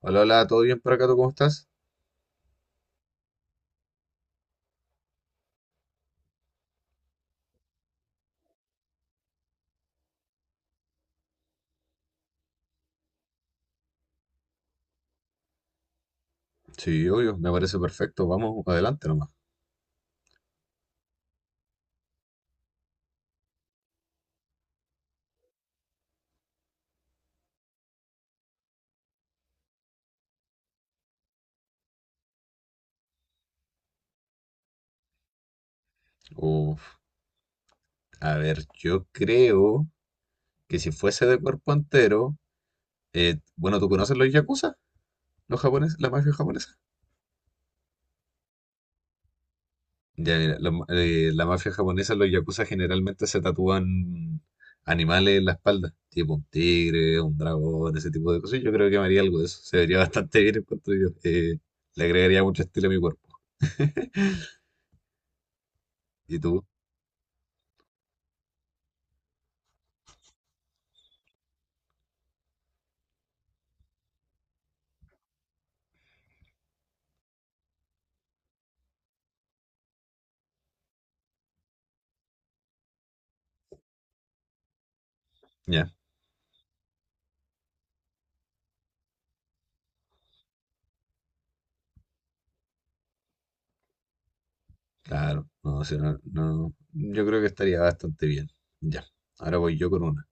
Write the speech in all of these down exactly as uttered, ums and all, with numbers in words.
Hola, hola, ¿todo bien por acá? ¿Tú cómo estás? Sí, obvio, me parece perfecto. Vamos, adelante nomás. Uf, a ver, yo creo que si fuese de cuerpo entero, eh, bueno, ¿tú conoces los yakuza? ¿Los japoneses? ¿La mafia japonesa? Ya, mira, los ma- eh, la mafia japonesa, los yakuza generalmente se tatúan animales en la espalda, tipo un tigre, un dragón, ese tipo de cosas. Yo creo que me haría algo de eso. Se vería bastante bien en cuanto yo. Eh, le agregaría mucho estilo a mi cuerpo. ¿Y tú? Ya. Claro, no, si no, no, yo creo que estaría bastante bien. Ya, ahora voy yo con una.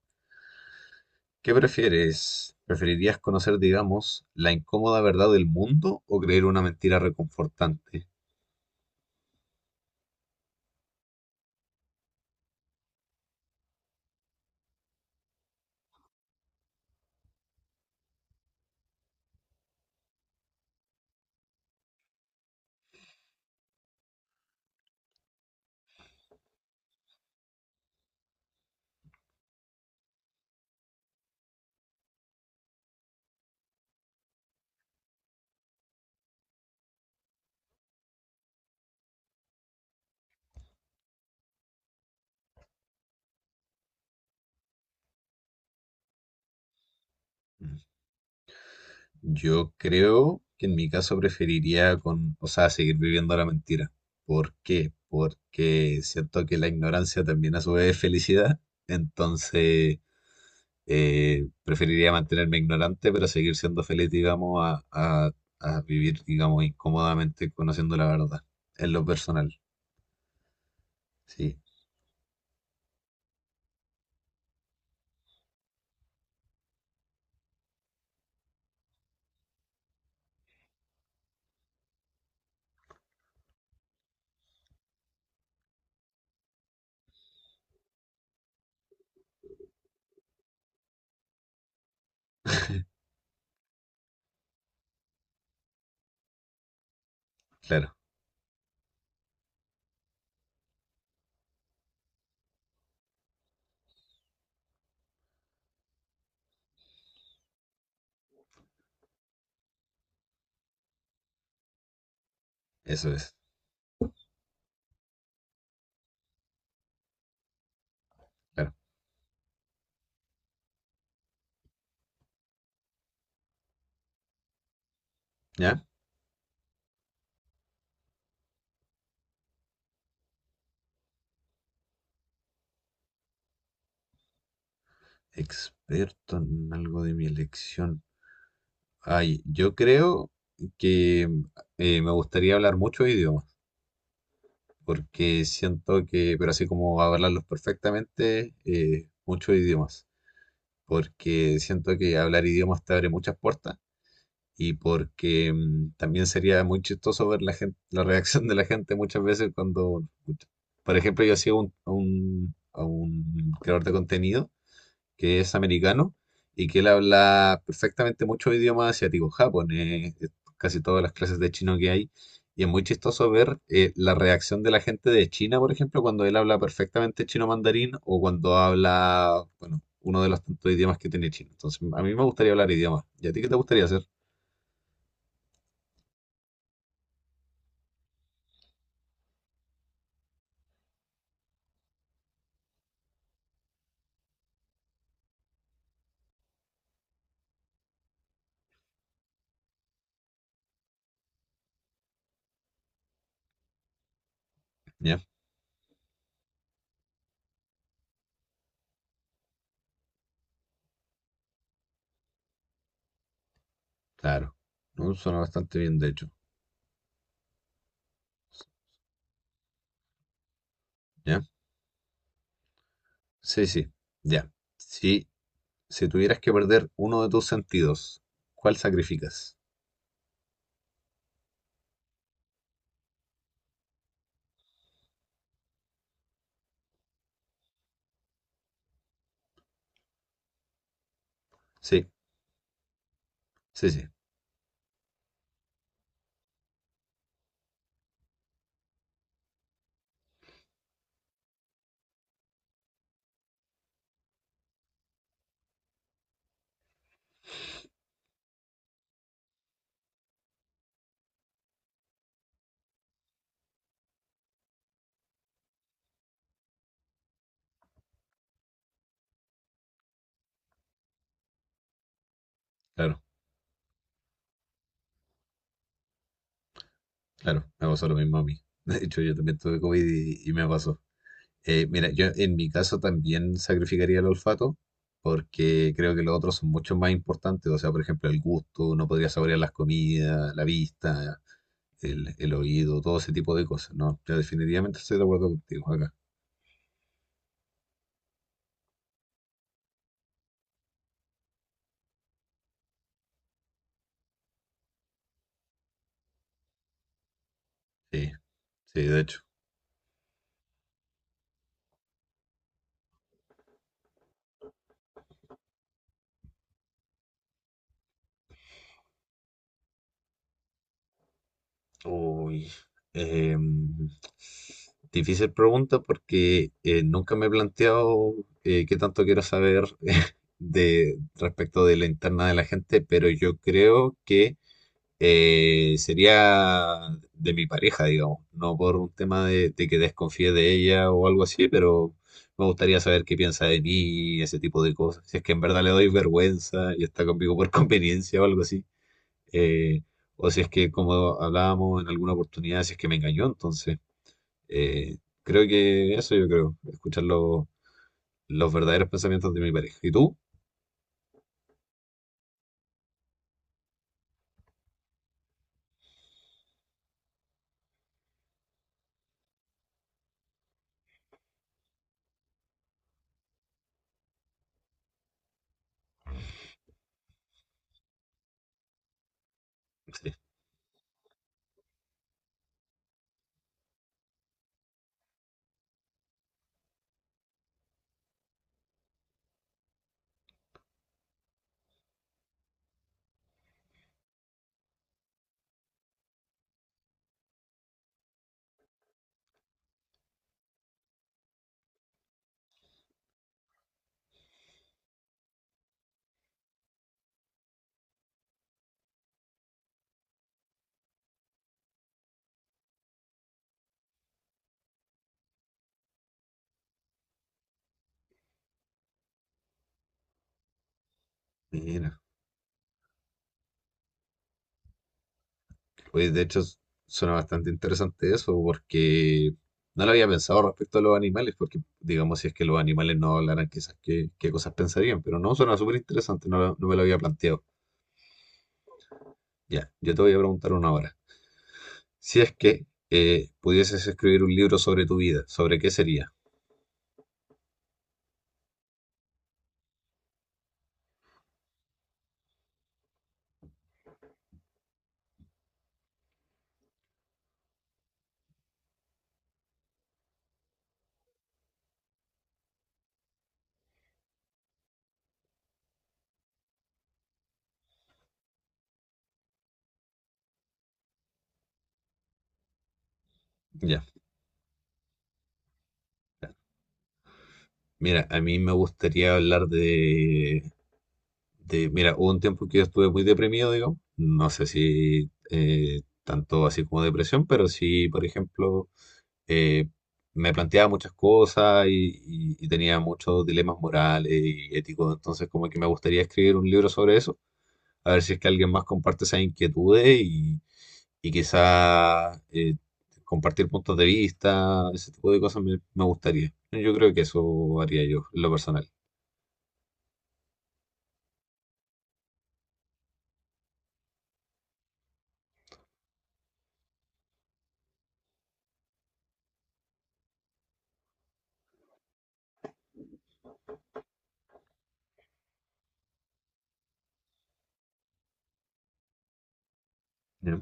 ¿Qué prefieres? ¿Preferirías conocer, digamos, la incómoda verdad del mundo o creer una mentira reconfortante? Mm, yo creo que en mi caso preferiría con, o sea, seguir viviendo la mentira. ¿Por qué? Porque siento que la ignorancia también a su vez es felicidad. Entonces, Eh, preferiría mantenerme ignorante, pero seguir siendo feliz, digamos, a, a- a vivir, digamos, incómodamente conociendo la verdad. En lo personal. Sí, claro, eso es. Claro. ¿Ya? Experto en algo de mi elección. Ay, yo creo que eh, me gustaría hablar muchos idiomas, porque siento que, pero así como hablarlos perfectamente, eh, muchos idiomas, porque siento que hablar idiomas te abre muchas puertas y porque mm, también sería muy chistoso ver la gente, la reacción de la gente muchas veces cuando, por ejemplo, yo sigo un- a un, a un creador de contenido que es americano y que él habla perfectamente muchos idiomas asiáticos, japonés, eh, casi todas las clases de chino que hay. Y es muy chistoso ver eh, la reacción de la gente de China, por ejemplo, cuando él habla perfectamente chino mandarín o cuando habla, bueno, uno de los tantos idiomas que tiene China. Entonces, a mí me gustaría hablar idiomas. ¿Y a ti qué te gustaría hacer? Claro, ¿no? Suena bastante bien, de hecho. ¿Ya? Sí, sí, ya. Si, si tuvieras que perder uno de tus sentidos, ¿cuál sacrificas? Sí, sí, sí, claro, claro. Me pasó lo mismo a mí. De hecho, yo también tuve COVID y, y me pasó. Eh, mira, yo en mi caso también sacrificaría el olfato porque creo que los otros son mucho más importantes. O sea, por ejemplo, el gusto, no podría saborear las comidas, la vista, el, el oído, todo ese tipo de cosas. No, yo definitivamente estoy de acuerdo contigo acá. Sí, sí, de hecho. Uy, em, difícil pregunta porque eh, nunca me he planteado eh, qué tanto quiero saber de respecto de la interna de la gente, pero yo creo que eh, sería de mi pareja, digamos, no por un tema de, de que desconfíe de ella o algo así, pero me gustaría saber qué piensa de mí, ese tipo de cosas, si es que en verdad le doy vergüenza y está conmigo por conveniencia o algo así. eh, o si es que, como hablábamos en alguna oportunidad, si es que me engañó, entonces eh, creo que eso yo creo, escuchar los, los verdaderos pensamientos de mi pareja. ¿Y tú? Sí, mira, pues de hecho s- suena bastante interesante eso porque no lo había pensado respecto a los animales, porque digamos si es que los animales no hablaran, quizás qué, qué cosas pensarían, pero no, suena súper interesante, no, lo- no me lo había planteado. Ya, yo te voy a preguntar una ahora. Si es que eh, pudieses escribir un libro sobre tu vida, ¿sobre qué sería? Ya, mira, a mí me gustaría hablar de, de- mira, hubo un tiempo que yo estuve muy deprimido, digamos, no sé si eh, tanto así como depresión, pero sí, por ejemplo, eh, me planteaba muchas cosas y, y- y tenía muchos dilemas morales y éticos, entonces como que me gustaría escribir un libro sobre eso, a ver si es que alguien más comparte esas inquietudes y, y quizá eh, compartir puntos de vista, ese tipo de cosas me, me gustaría. Yo creo que eso haría yo, en lo personal. ¿Ya?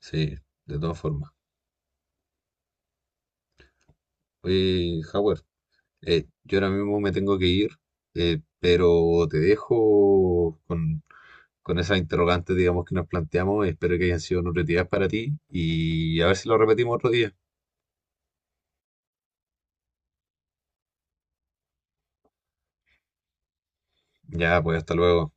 Sí, de todas formas. Oye, Howard. Eh, yo ahora mismo me tengo que ir, eh, pero te dejo con, con esas interrogantes, digamos, que nos planteamos. Espero que hayan sido nutritivas para ti y a ver si lo repetimos otro día. Ya, pues hasta luego.